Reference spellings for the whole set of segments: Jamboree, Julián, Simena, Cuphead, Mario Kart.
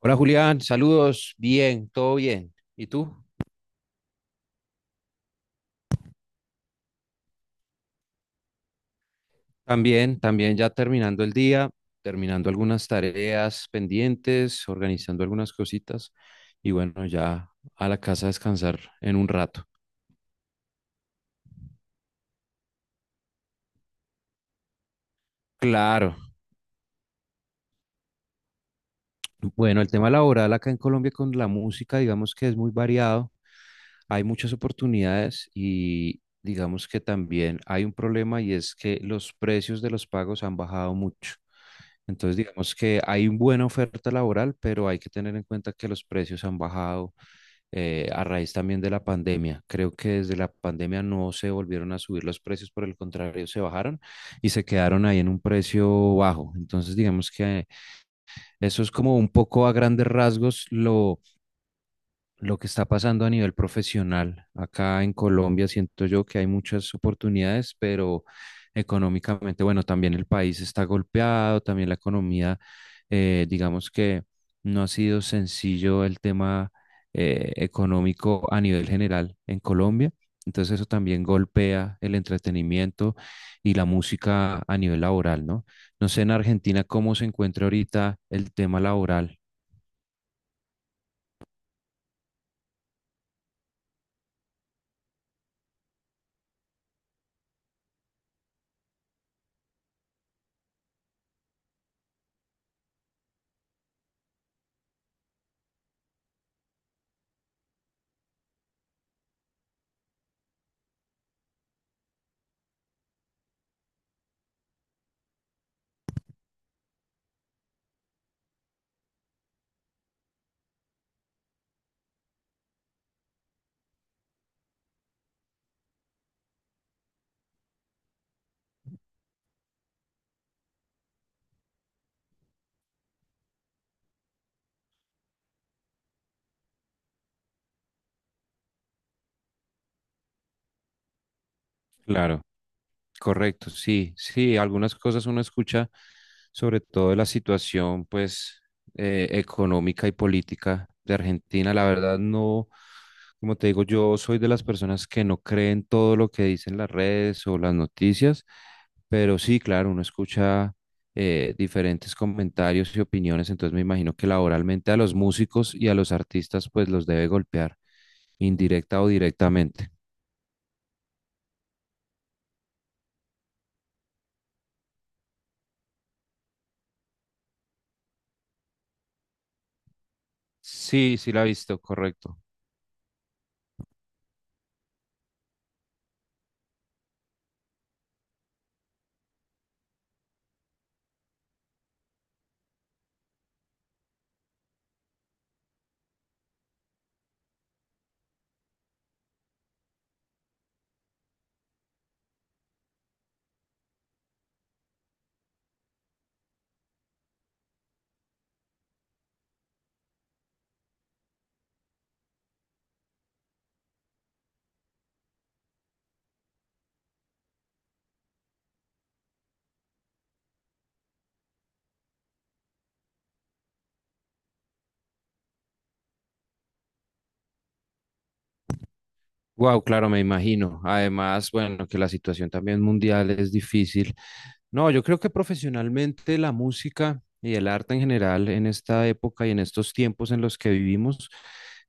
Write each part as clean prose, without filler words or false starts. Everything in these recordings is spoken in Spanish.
Hola Julián, saludos, bien, todo bien. ¿Y tú? También, ya terminando el día, terminando algunas tareas pendientes, organizando algunas cositas y bueno, ya a la casa a descansar en un rato. Claro. Bueno, el tema laboral acá en Colombia con la música, digamos que es muy variado. Hay muchas oportunidades y digamos que también hay un problema y es que los precios de los pagos han bajado mucho. Entonces, digamos que hay una buena oferta laboral, pero hay que tener en cuenta que los precios han bajado a raíz también de la pandemia. Creo que desde la pandemia no se volvieron a subir los precios, por el contrario, se bajaron y se quedaron ahí en un precio bajo. Entonces, digamos que eso es como un poco a grandes rasgos lo que está pasando a nivel profesional. Acá en Colombia siento yo que hay muchas oportunidades, pero económicamente, bueno, también el país está golpeado, también la economía, digamos que no ha sido sencillo el tema económico a nivel general en Colombia. Entonces eso también golpea el entretenimiento y la música a nivel laboral, ¿no? No sé en Argentina cómo se encuentra ahorita el tema laboral. Claro. Correcto, sí, sí, algunas cosas uno escucha, sobre todo de la situación, pues, económica y política de Argentina. La verdad, no, como te digo, yo soy de las personas que no creen todo lo que dicen las redes o las noticias, pero sí, claro, uno escucha diferentes comentarios y opiniones, entonces me imagino que laboralmente a los músicos y a los artistas, pues, los debe golpear, indirecta o directamente. Sí, sí la he visto, correcto. Wow, claro, me imagino. Además, bueno, que la situación también mundial es difícil. No, yo creo que profesionalmente la música y el arte en general en esta época y en estos tiempos en los que vivimos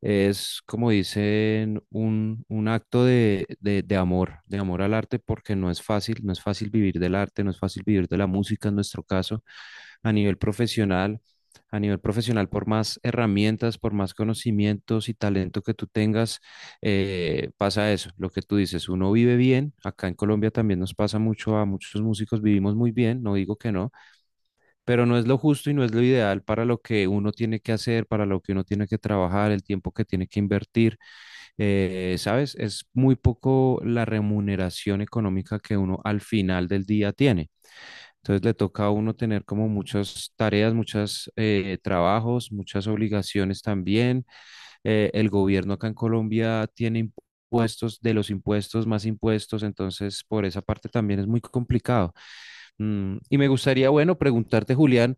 es, como dicen, un acto de, de amor, de amor al arte, porque no es fácil, no es fácil vivir del arte, no es fácil vivir de la música en nuestro caso, a nivel profesional. A nivel profesional, por más herramientas, por más conocimientos y talento que tú tengas, pasa eso, lo que tú dices, uno vive bien, acá en Colombia también nos pasa mucho, a muchos músicos vivimos muy bien, no digo que no, pero no es lo justo y no es lo ideal para lo que uno tiene que hacer, para lo que uno tiene que trabajar, el tiempo que tiene que invertir, ¿sabes? Es muy poco la remuneración económica que uno al final del día tiene. Entonces le toca a uno tener como muchas tareas, muchos trabajos, muchas obligaciones también el gobierno acá en Colombia tiene impuestos, de los impuestos más impuestos, entonces por esa parte también es muy complicado. Y me gustaría, bueno, preguntarte, Julián,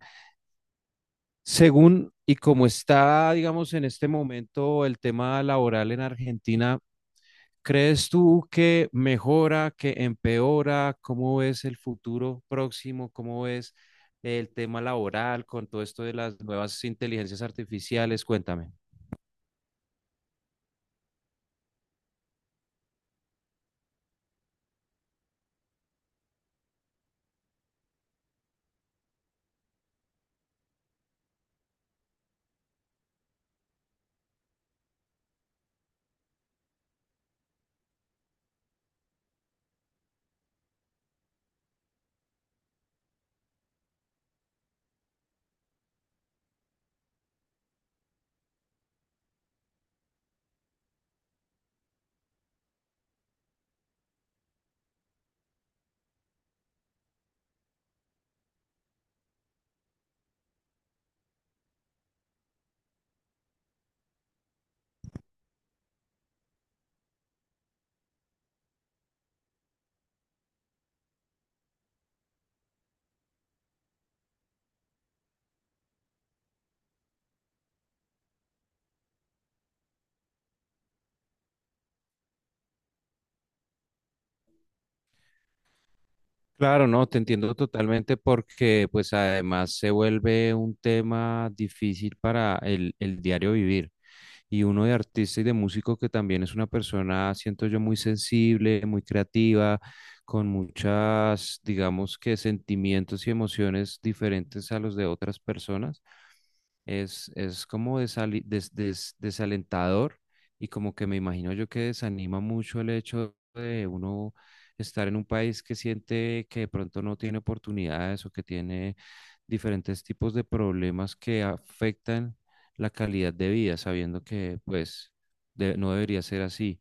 según y como está, digamos, en este momento el tema laboral en Argentina, ¿crees tú que mejora, que empeora? ¿Cómo ves el futuro próximo? ¿Cómo ves el tema laboral con todo esto de las nuevas inteligencias artificiales? Cuéntame. Claro, no, te entiendo totalmente porque pues además se vuelve un tema difícil para el diario vivir. Y uno de artista y de músico que también es una persona, siento yo, muy sensible, muy creativa, con muchas, digamos que sentimientos y emociones diferentes a los de otras personas. Es como desalentador y como que me imagino yo que desanima mucho el hecho de uno estar en un país que siente que de pronto no tiene oportunidades o que tiene diferentes tipos de problemas que afectan la calidad de vida, sabiendo que pues no debería ser así.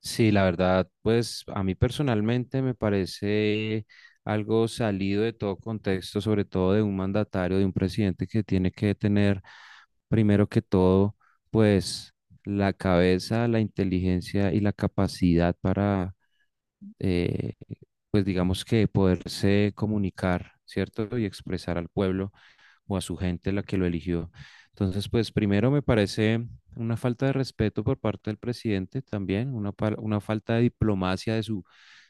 Sí, la verdad, pues a mí personalmente me parece algo salido de todo contexto, sobre todo de un mandatario, de un presidente que tiene que tener, primero que todo, pues la cabeza, la inteligencia y la capacidad para, eh, pues digamos que poderse comunicar, ¿cierto? Y expresar al pueblo o a su gente la que lo eligió. Entonces, pues primero me parece una falta de respeto por parte del presidente también, una falta de diplomacia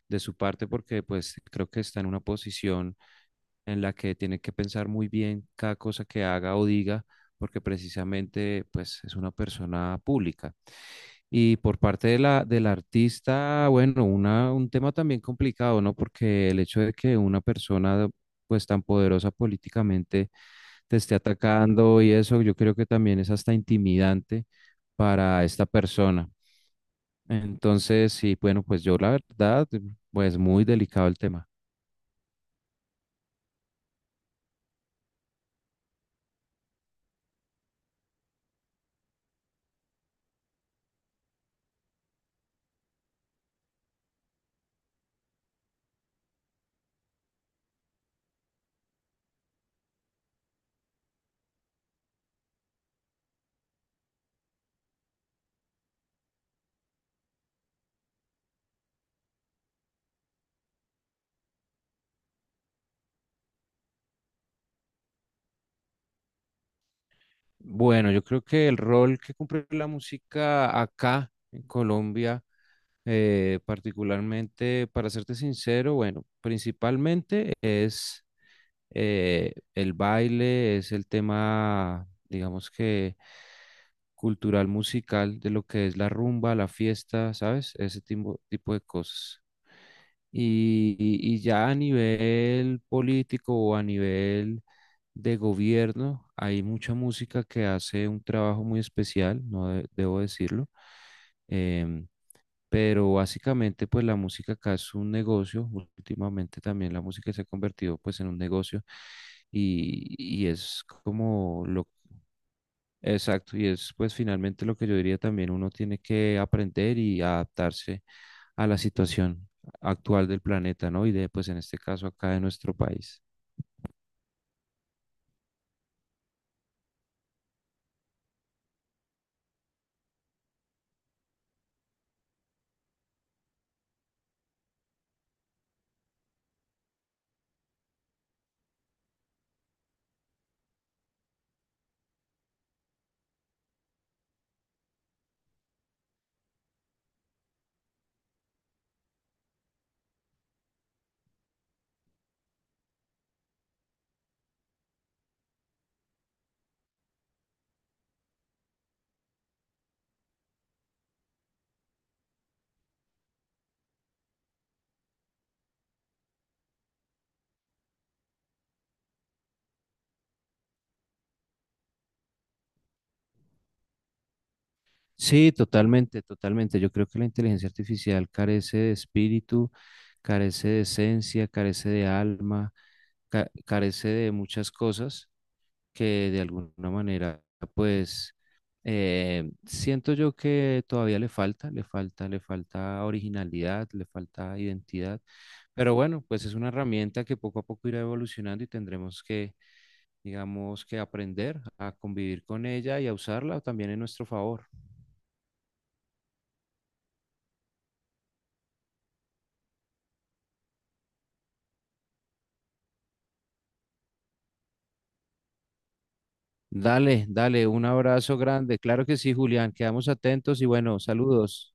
de su parte, porque pues creo que está en una posición en la que tiene que pensar muy bien cada cosa que haga o diga, porque precisamente pues es una persona pública. Y por parte de la, del artista, bueno, una, un tema también complicado, ¿no? Porque el hecho de que una persona pues tan poderosa políticamente te esté atacando y eso, yo creo que también es hasta intimidante para esta persona. Entonces, sí, bueno, pues yo la verdad, pues muy delicado el tema. Bueno, yo creo que el rol que cumple la música acá en Colombia, particularmente, para serte sincero, bueno, principalmente es el baile, es el tema, digamos que cultural, musical, de lo que es la rumba, la fiesta, ¿sabes? Ese tipo de cosas. Y, y ya a nivel político o a nivel de gobierno, hay mucha música que hace un trabajo muy especial, no de- debo decirlo. Em, pero básicamente, pues la música acá es un negocio. Últimamente también la música se ha convertido pues en un negocio y es como lo exacto. Y es pues finalmente lo que yo diría también uno tiene que aprender y adaptarse a la situación actual del planeta, ¿no? Y de pues en este caso acá de nuestro país. Sí, totalmente, totalmente. Yo creo que la inteligencia artificial carece de espíritu, carece de esencia, carece de alma, carece de muchas cosas que de alguna manera, pues, siento yo que todavía le falta, le falta, le falta originalidad, le falta identidad. Pero bueno, pues es una herramienta que poco a poco irá evolucionando y tendremos que, digamos, que aprender a convivir con ella y a usarla también en nuestro favor. Dale, dale, un abrazo grande. Claro que sí, Julián, quedamos atentos y bueno, saludos.